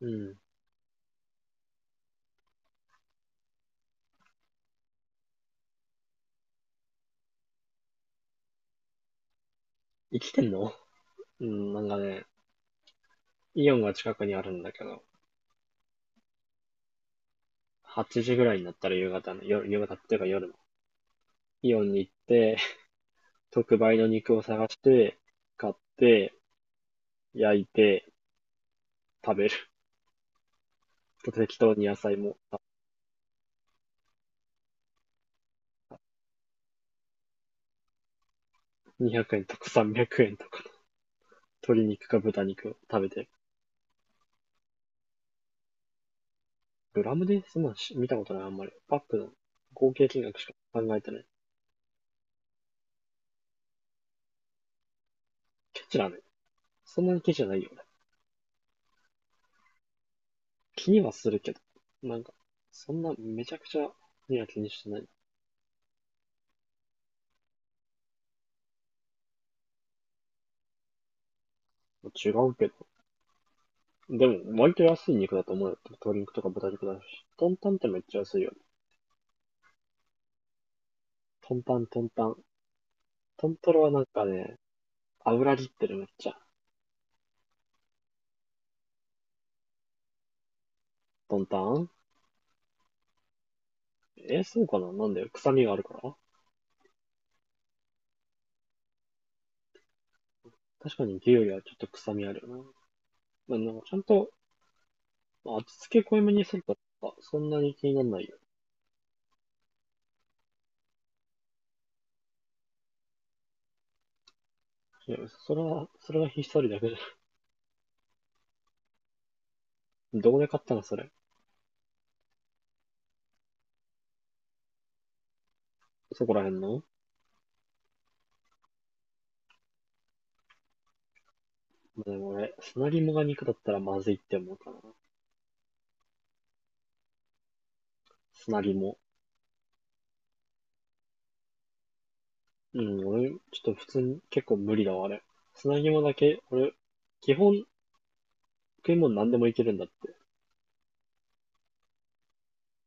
うん。生きてんの？ うん、なんかね、イオンが近くにあるんだけど、8時ぐらいになったら夕方の、夜、夕方っていうか夜の、イオンに行って、特売の肉を探して、買って、焼いて、食べる。と適当に野菜も、200円とか300円とか、鶏肉か豚肉を食べてる。グラムでそんなのし見たことない、あんまり。パックの合計金額しか考えてない。ケチだね。そんなにケチじゃないよ、俺。気にはするけど。なんか、そんなめちゃくちゃには気にしてない。違うけど。でも、割と安い肉だと思うよ。鶏肉とか豚肉だし。トンタンってめっちゃ安いよね。トンタン、トンタン。トントロはなんかね、油切ってるめっちゃ。トンタン、えー、そうかな。なんで臭みがあるから、確かに牛よりはちょっと臭みあるよな。まあ、なんかちゃんと、まあ味付け濃いめにすると、そんなに気にならないよ。いや、それはひっそりだけど。どこで買ったのそれ？そこら辺の。まあ、でも俺、砂肝が肉だったらまずいって思うかな。砂肝。うん、俺、ちょっと普通に結構無理だわ、あれ。砂肝だけ、俺、基本食い物何でもいけるんだって。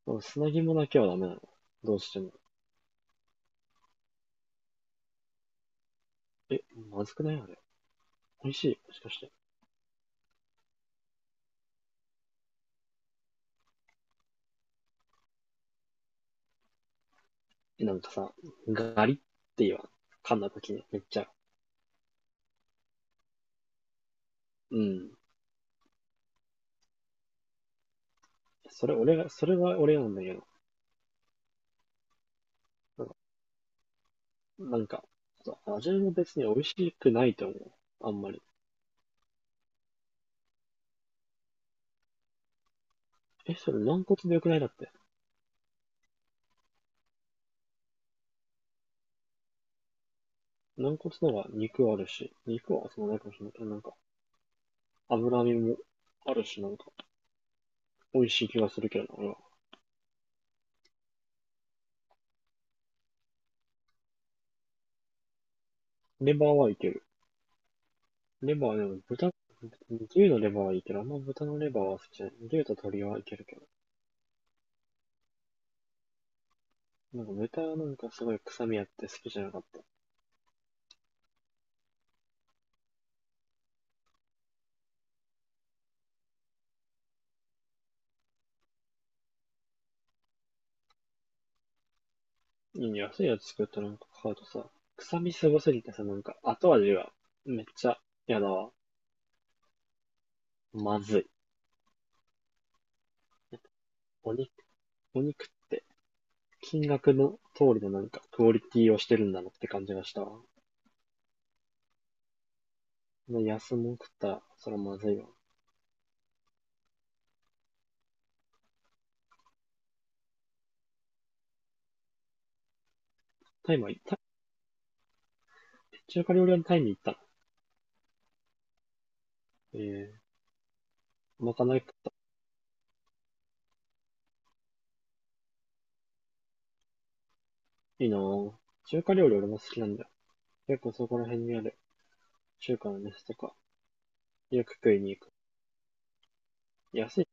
でも砂肝だけはダメなの。どうしても。え、まずくないあれ？美味しいもしかして？えなんかさ、ガリって言わん？噛んだ時に、めっちゃ。うん。それは俺なんだけど。なんか、なんかそう味も別に美味しくないと思う。あんまり。え、それ軟骨でよくないだって。軟骨なら肉あるし、肉はそのないかもしれないけど、なんか、脂身もあるし、なんか、美味しい気がするけどな、俺は。レバーはいける。レバー、でも豚、牛のレバーはいける。あんま豚のレバーは好きじゃない。牛と鶏はいけるけど。なんか豚はなんかすごい臭みあって好きじゃなかった。安いやつ作ったなんか買うとさ、臭みすごすぎてさ、なんか後味がめっちゃ嫌だわ。まずい。お肉、お肉って金額の通りのなんかクオリティをしてるんだなって感じがしたわ。安も食ったら、それはまずいわ。タイも行った中華料理屋のタイに行ったの。ええ、まかない食っいいなぁ。中華料理俺も好きなんだよ。結構そこら辺にある中華の店とか、よく食いに行く。安い。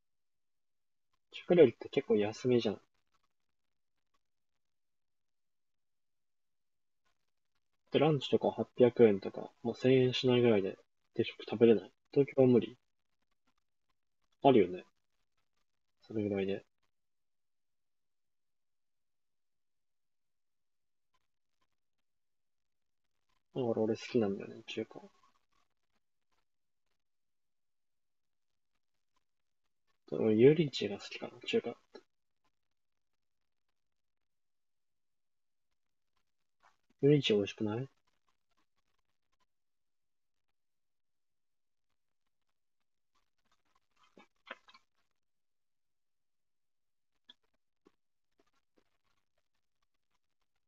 中華料理って結構安めじゃん。で、ランチとか800円とか、もう1000円しないぐらいで定食食べれない。東京は無理。あるよね。それぐらいで。だから俺好きなんだよね、中華。俺、油淋鶏が好きかな、中華。油淋鶏美味しくない？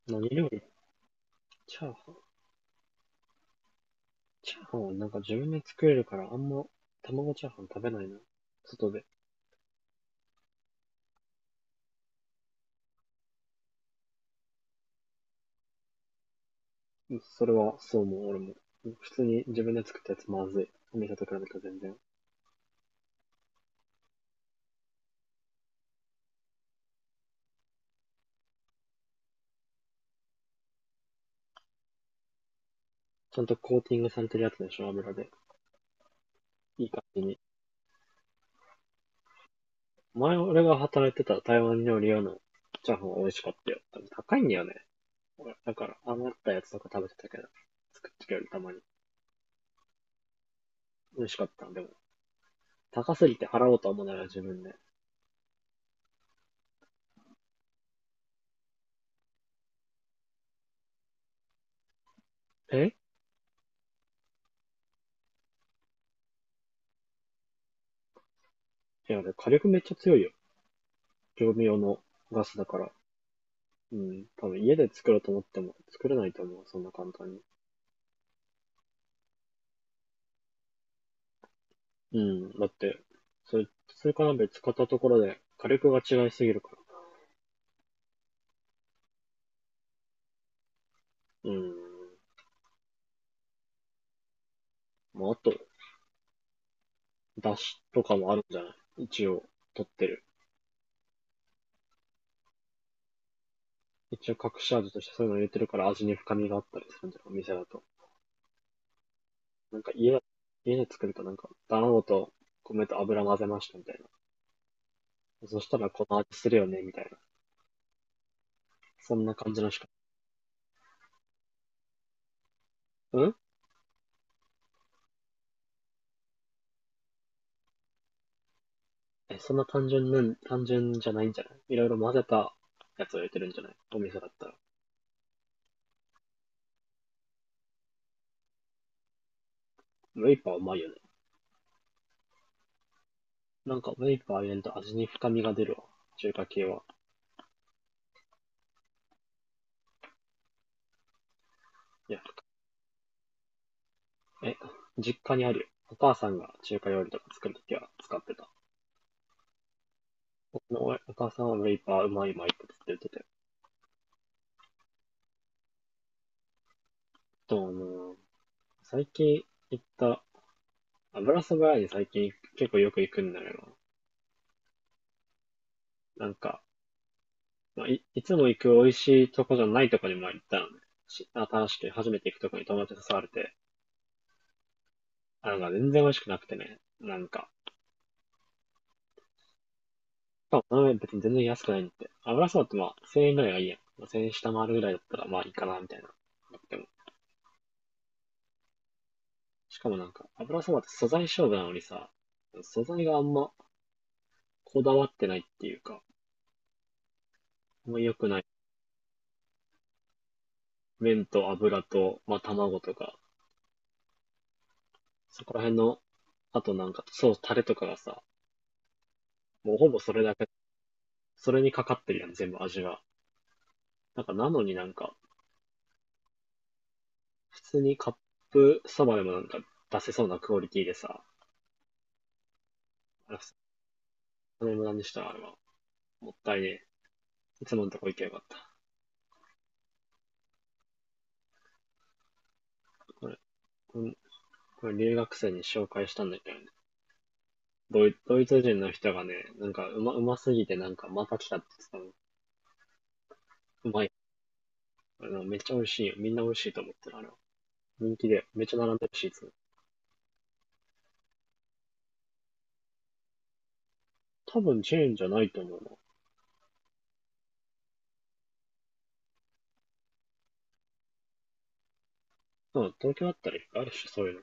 何料理？チャーハン。チャーハンはなんか自分で作れるからあんま卵チャーハン食べないな。外で。それは、そうもう、俺も。普通に自分で作ったやつまずい。お店と比べたら全然。ちゃんとコーティングされてるやつでしょ、油で。いい感じに。前俺が働いてた台湾料理屋のチャーハンは美味しかったよ。多分高いんだよね。だから、余ったやつとか食べてたけど、作ってくれるたまに。美味しかった。でも、高すぎて払おうとは思うなら自分で。え、いや、火力めっちゃ強いよ。業務用のガスだから。うん。多分家で作ろうと思っても作れないと思う。そんな簡単に。うん、だって、それ、それから別買ったところで火力が違いすぎるから。うん。まあ、あと、出汁とかもあるんじゃない？一応、取ってる。一応隠し味としてそういうの入れてるから味に深みがあったりするんじゃない？お店だと。なんか家だ、家で作るとなんか、卵と米と油混ぜましたみたいな。そしたらこの味するよね、みたいな。そんな感じのしか。うん。え、そんな単純なん、単純じゃないんじゃない？いろいろ混ぜたやつを入れてるんじゃない？お店だったら。ウェイパーうまいよね。なんか、ウェイパー入れると味に深みが出るわ。中華系は。いや、え、実家にあるよ。お母さんが中華料理とか作るときは使ってた。僕のお母さんはウェイパーうまいうまいってっ言ってて。と、あの最近行った、油そば屋に最近結構よく行くんだけど、なんか、まあ、いつも行く美味しいとこじゃないとこにも行ったのね。し新しく初めて行くとこに友達に誘われて、あ、なんか全然美味しくなくてね、なんか、かも別に全然安くないんで。油そばってまあ、1000円ぐらいがいいやん。まあ1000円下回るぐらいだったらまあいいかな、みたいな。でも、しかもなんか、油そばって素材勝負なのにさ、素材があんまこだわってないっていうか、あんま良くない。麺と油と、まあ卵とか、そこら辺の、あとなんか、そう、タレとかがさ、もうほぼそれだけ、それにかかってるやん、全部味が。なんか、なのになんか、普通にカップそばでもなんか出せそうなクオリティでさ、あれもなんでしたらあれは、もったいねえ。いつものとこ行けばよかった。これ、これ、これ留学生に紹介したんだけどね。ドイツ人の人がね、なんかうますぎてなんかまた来たって言ってたの。うまい。あのめっちゃ美味しいよ。みんな美味しいと思ってる。あれは。人気で。めっちゃ並んでるし、いつも。多分チェーンじゃないと思うな。うん、東京あったらあるし、そういうの。